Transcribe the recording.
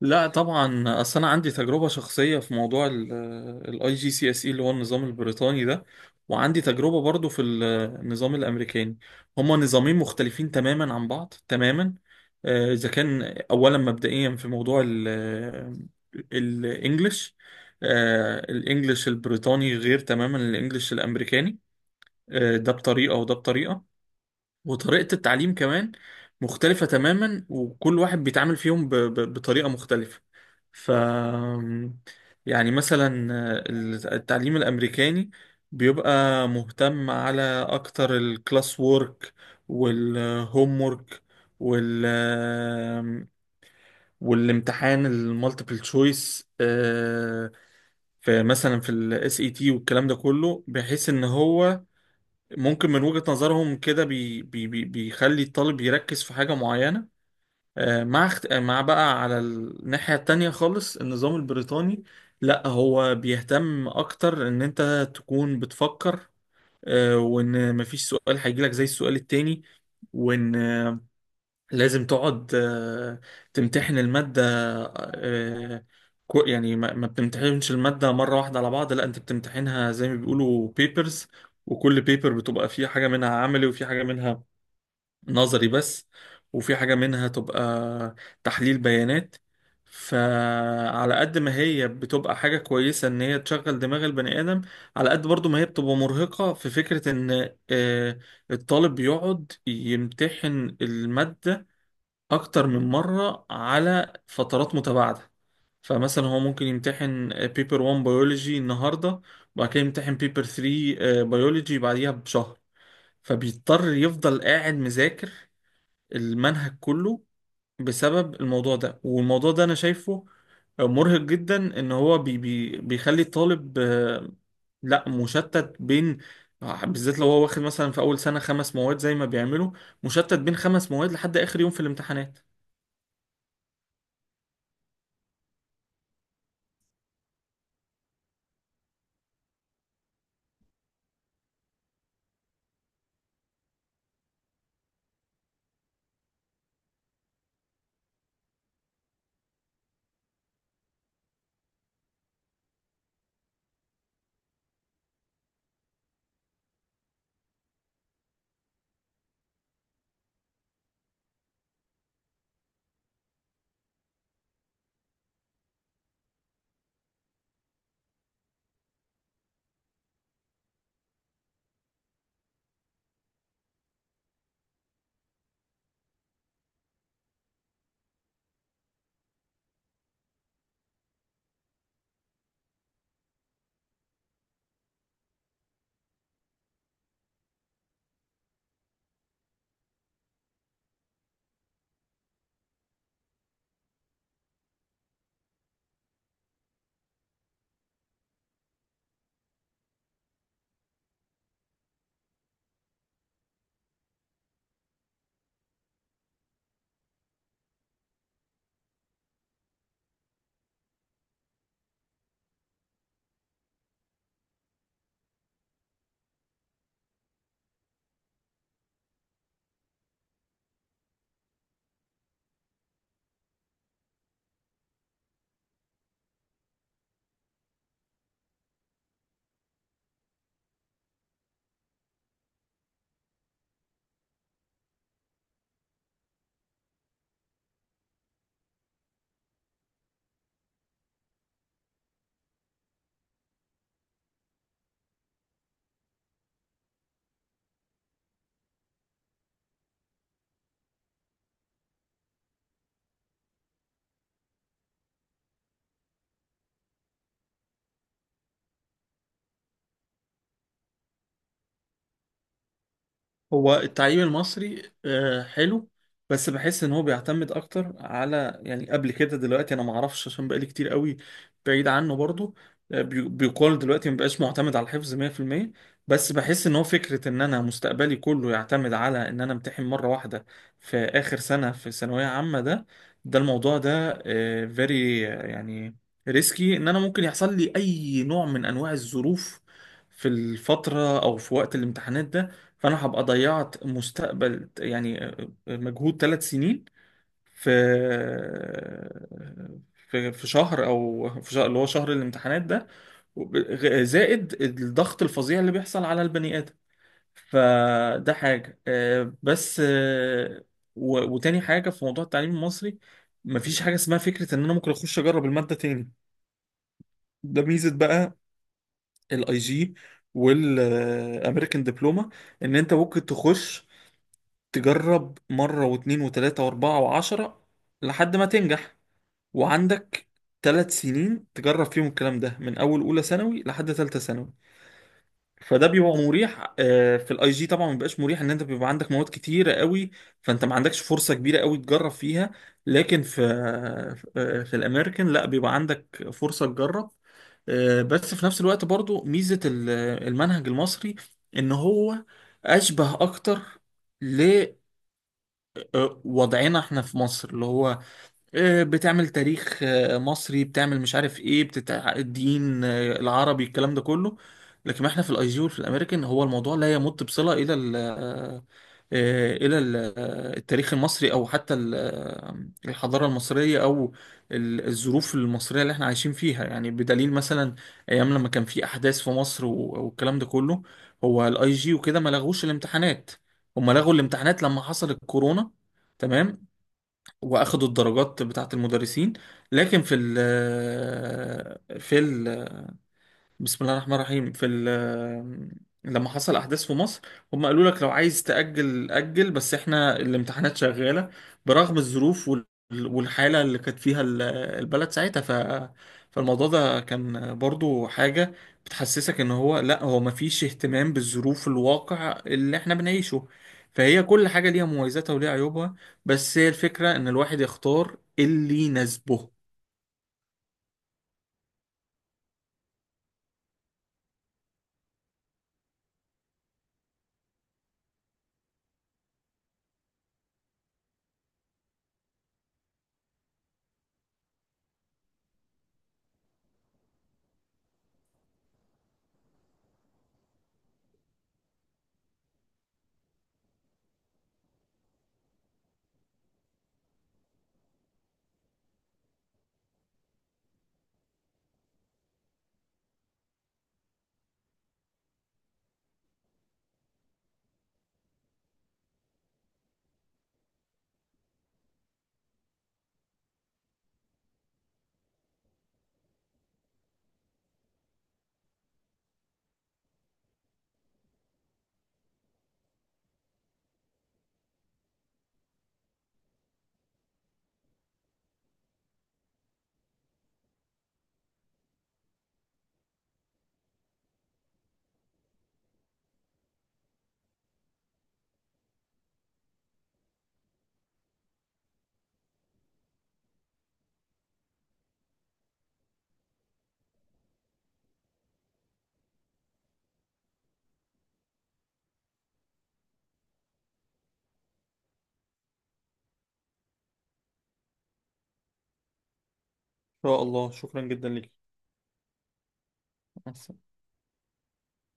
لا طبعا، اصل انا عندي تجربه شخصيه في موضوع الاي جي سي اس اي اللي هو النظام البريطاني ده، وعندي تجربه برضو في النظام الامريكاني. هما نظامين مختلفين تماما عن بعض تماما. اذا كان اولا مبدئيا في موضوع الانجليش، الانجليش البريطاني غير تماما الانجليش الامريكاني. ده بطريقه وده بطريقه، وطريقة التعليم كمان مختلفة تماما، وكل واحد بيتعامل فيهم بطريقة مختلفة. ف يعني مثلا التعليم الأمريكاني بيبقى مهتم على أكتر الكلاس وورك والهوم وورك وال والامتحان المالتيبل تشويس، في مثلا في الاس اي تي والكلام ده كله، بحيث ان هو ممكن من وجهة نظرهم كده بي بي بي بيخلي الطالب يركز في حاجة معينة. آه، مع اخت... آه، مع بقى على الناحية التانية خالص النظام البريطاني، لا هو بيهتم أكتر إن أنت تكون بتفكر، وإن مفيش سؤال هيجيلك زي السؤال التاني، وإن لازم تقعد تمتحن المادة. آه، يعني ما بتمتحنش المادة مرة واحدة على بعض، لا انت بتمتحنها زي ما بيقولوا بيبرز. وكل بيبر بتبقى فيه حاجة منها عملي، وفي حاجة منها نظري بس، وفي حاجة منها تبقى تحليل بيانات. فعلى قد ما هي بتبقى حاجة كويسة ان هي تشغل دماغ البني آدم، على قد برضو ما هي بتبقى مرهقة في فكرة ان الطالب بيقعد يمتحن المادة اكتر من مرة على فترات متباعدة. فمثلا هو ممكن يمتحن بيبر 1 بيولوجي النهاردة، وبعد كده يمتحن بيبر 3 بيولوجي بعديها بشهر، فبيضطر يفضل قاعد مذاكر المنهج كله بسبب الموضوع ده. والموضوع ده انا شايفه مرهق جدا، ان هو بي بي بيخلي الطالب لا مشتت بين، بالذات لو هو واخد مثلا في اول سنة خمس مواد زي ما بيعملوا، مشتت بين خمس مواد لحد اخر يوم في الامتحانات. هو التعليم المصري حلو، بس بحس ان هو بيعتمد اكتر على، يعني قبل كده، دلوقتي انا ما اعرفش عشان بقالي كتير قوي بعيد عنه برضو. بيقال دلوقتي ما بقاش معتمد على الحفظ 100%، بس بحس ان هو فكرة ان انا مستقبلي كله يعتمد على ان انا امتحن مرة واحدة في اخر سنة في ثانوية عامة. ده ده الموضوع ده فيري يعني ريسكي، ان انا ممكن يحصل لي اي نوع من انواع الظروف في الفترة او في وقت الامتحانات ده، فانا هبقى ضيعت مستقبل، يعني مجهود 3 سنين في، في في شهر، او في شهر اللي هو شهر الامتحانات ده، وب- زائد الضغط الفظيع اللي بيحصل على البني ادم. فده حاجه. وتاني حاجه في موضوع التعليم المصري، مفيش حاجه اسمها فكره ان انا ممكن اخش اجرب الماده تاني. ده ميزه بقى الاي جي والامريكان دبلومه، ان انت ممكن تخش تجرب مرة واتنين وتلاتة واربعة وعشرة لحد ما تنجح، وعندك تلات سنين تجرب فيهم الكلام ده من أول أولى ثانوي لحد تالتة ثانوي. فده بيبقى مريح. في الاي جي طبعا ما بيبقاش مريح، ان انت بيبقى عندك مواد كتيرة قوي، فانت ما عندكش فرصة كبيرة قوي تجرب فيها، لكن في في الامريكان لا، بيبقى عندك فرصة تجرب. بس في نفس الوقت برضو ميزة المنهج المصري ان هو اشبه اكتر وضعنا احنا في مصر، اللي هو بتعمل تاريخ مصري، بتعمل مش عارف ايه بتتع الدين العربي الكلام ده كله. لكن ما احنا في الاي جي وفي الامريكان هو الموضوع لا يمت بصلة الى ال آه، آه، الى ال- آه، التاريخ المصري، او حتى الحضارة المصرية، او الظروف المصرية اللي احنا عايشين فيها. يعني بدليل مثلا ايام لما كان في احداث في مصر والكلام ده كله، هو الاي جي وكده ما لغوش الامتحانات. هم لغوا الامتحانات لما حصل الكورونا، تمام، واخدوا الدرجات بتاعت المدرسين. لكن في ال في ال بسم الله الرحمن الرحيم، في ال لما حصل احداث في مصر، هم قالوا لك لو عايز تأجل أجل، بس احنا الامتحانات شغالة، برغم الظروف والحالة اللي كانت فيها البلد ساعتها. فالموضوع ده كان برضو حاجة بتحسسك ان هو لا، هو مفيش اهتمام بالظروف الواقع اللي احنا بنعيشه. فهي كل حاجة ليها مميزاتها وليها عيوبها، بس هي الفكرة ان الواحد يختار اللي يناسبه. ان شاء الله، شكرا جدا ليك.